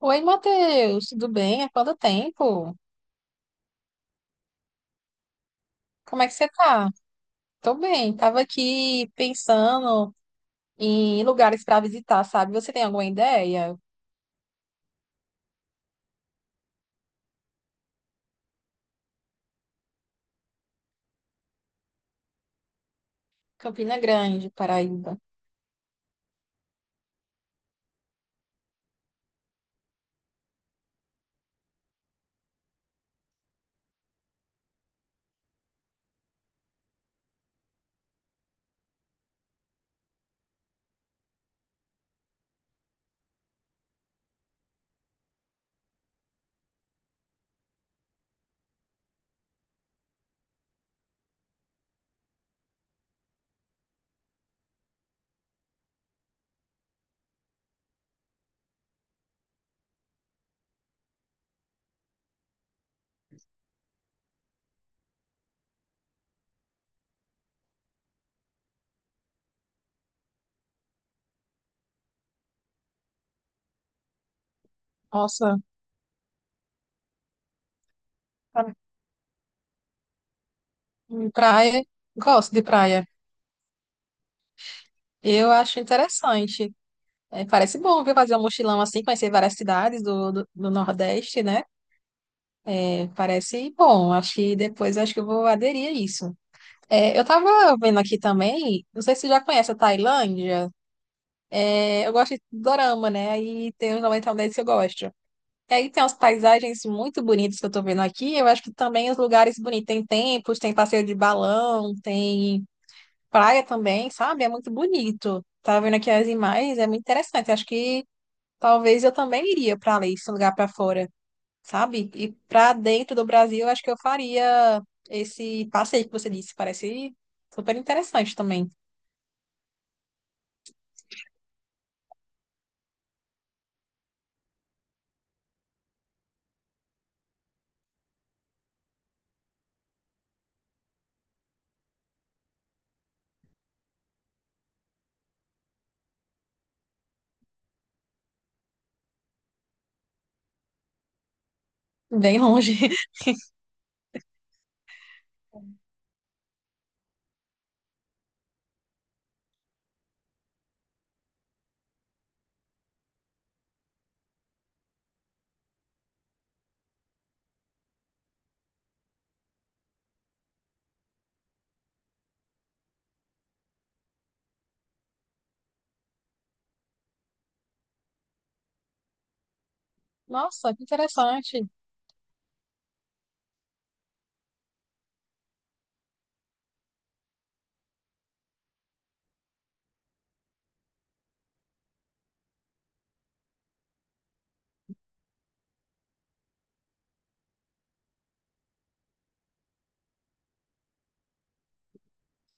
Oi, Matheus, tudo bem? Há quanto tempo? Como é que você tá? Tô bem, tava aqui pensando em lugares para visitar, sabe? Você tem alguma ideia? Campina Grande, Paraíba. Nossa, pra- praia, gosto de praia. Eu acho interessante. É, parece bom, viu? Fazer um mochilão assim, conhecer várias cidades do Nordeste, né? É, parece bom. Acho que depois acho que eu vou aderir a isso. É, eu tava vendo aqui também, não sei se você já conhece a Tailândia. É, eu gosto de dorama, né? Aí tem os 90 deles que eu gosto. E aí tem as paisagens muito bonitas que eu tô vendo aqui. Eu acho que também os lugares bonitos. Tem templos, tem passeio de balão, tem praia também, sabe? É muito bonito. Tava vendo aqui as imagens, é muito interessante. Acho que talvez eu também iria pra ali, esse lugar pra fora, sabe? E pra dentro do Brasil, eu acho que eu faria esse passeio que você disse. Parece super interessante também. Bem longe. Nossa, que interessante.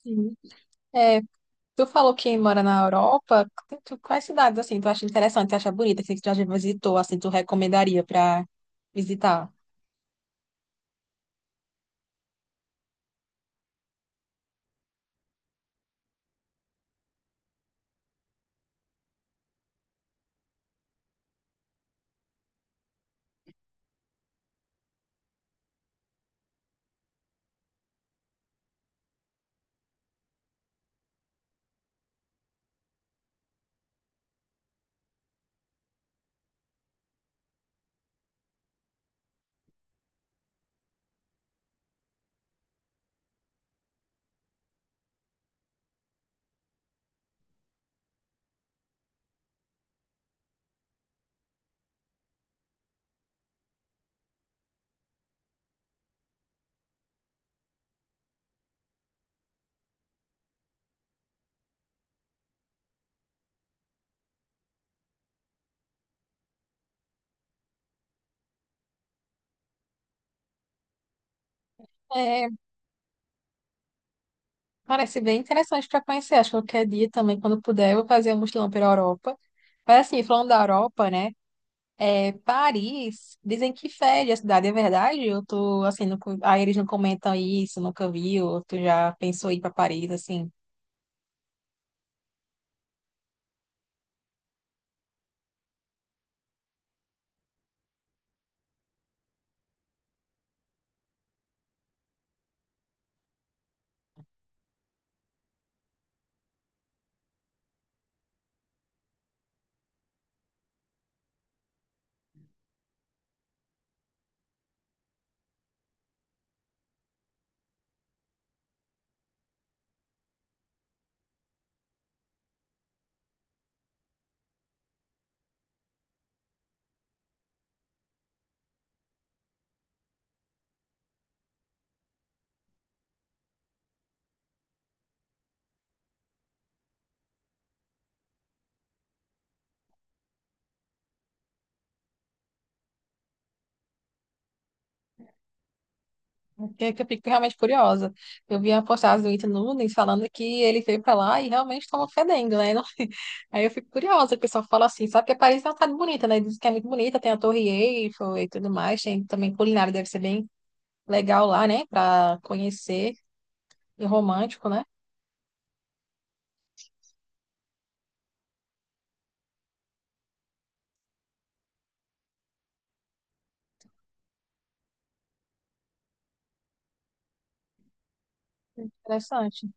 Sim. É, tu falou que mora na Europa. Quais cidades assim tu acha interessante, tu acha bonita, assim, que tu já visitou, assim, tu recomendaria para visitar? É, parece bem interessante para conhecer. Acho que qualquer dia também, quando puder, eu vou fazer um mochilão pela Europa. Mas assim, falando da Europa, né? É, Paris, dizem que fede a cidade, é verdade? Eu tô assim, nunca- aí eles não comentam isso, nunca vi, ou tu já pensou em ir para Paris, assim? Que eu fico realmente curiosa. Eu vi a postagem do Ita Nunes falando que ele veio pra lá e realmente estava fedendo, né? Não- Aí eu fico curiosa, o pessoal fala assim, sabe que Paris é uma cidade bonita, né? Diz que é muito bonita, tem a Torre Eiffel e tudo mais, tem também culinária, deve ser bem legal lá, né? Pra conhecer e romântico, né? Interessante.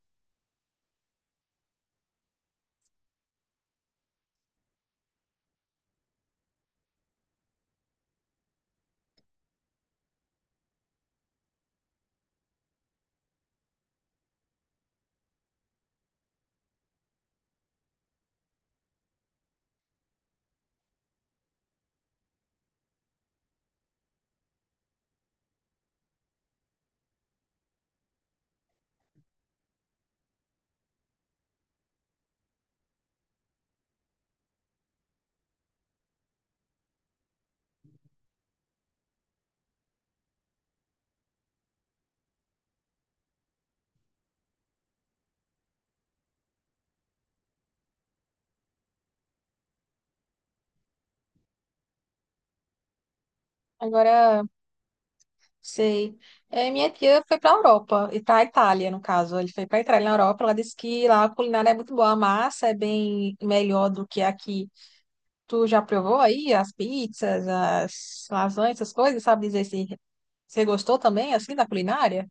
Agora, sei. É, minha tia foi para a Europa, e para a Itália, no caso. Ele foi para a Itália, na Europa. Ela disse que lá a culinária é muito boa, a massa é bem melhor do que aqui. Tu já provou aí as pizzas, as lasanhas, essas coisas? Sabe dizer se você gostou também, assim, da culinária?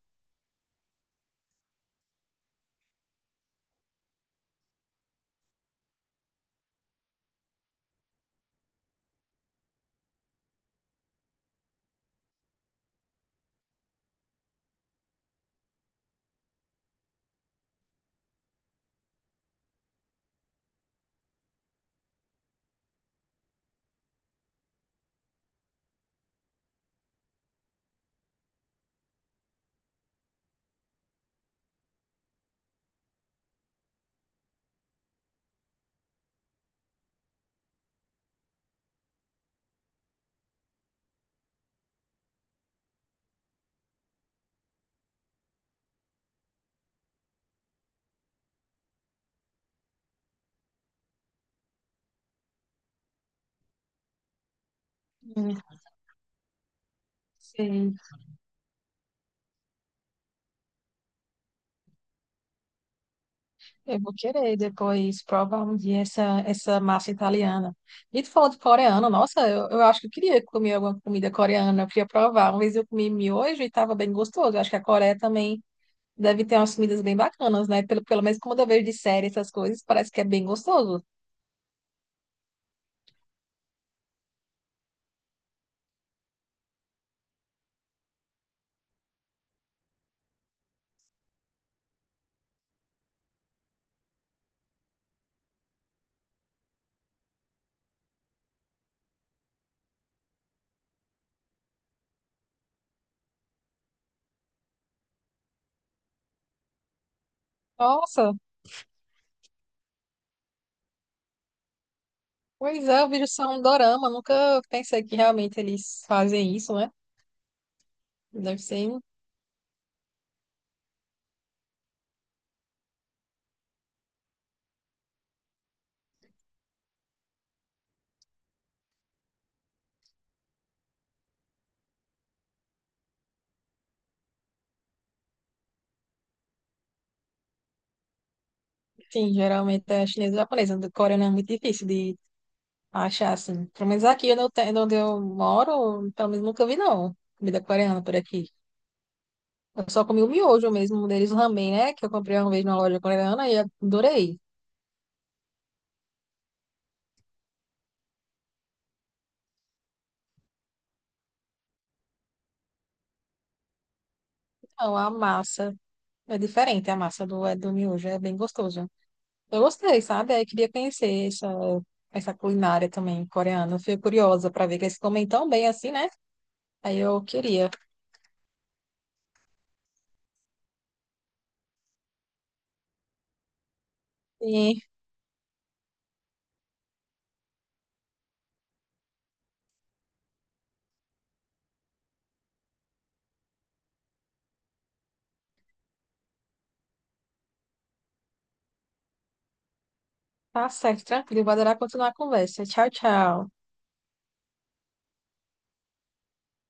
Hum, Sei, eu vou querer depois provar um dia essa massa italiana. E tu falou de coreano, nossa, eu acho que eu queria comer alguma comida coreana, eu queria provar. Uma vez eu comi miojo e estava bem gostoso. Eu acho que a Coreia também deve ter umas comidas bem bacanas, né? Pelo menos como eu vejo de série, essas coisas, parece que é bem gostoso. Nossa, pois é, eu vejo só um dorama, nunca pensei que realmente eles fazem isso, né? Deve ser, enfim, geralmente é chinesa e japonesa, do coreano é muito difícil de achar, assim. Pelo menos aqui onde onde eu moro, pelo menos nunca vi, não, comida coreana por aqui. Eu só comi o miojo mesmo, um deles, o ramen, né? Que eu comprei uma vez numa loja coreana e adorei. Então, a massa é diferente, a massa do, é do miojo é bem gostoso. Eu gostei, sabe? Aí queria conhecer essa culinária também coreana. Eu fiquei curiosa para ver que eles comem tão bem assim, né? Aí eu queria. E tá certo, tranquilo. Vou adorar continuar a conversa. Tchau, tchau.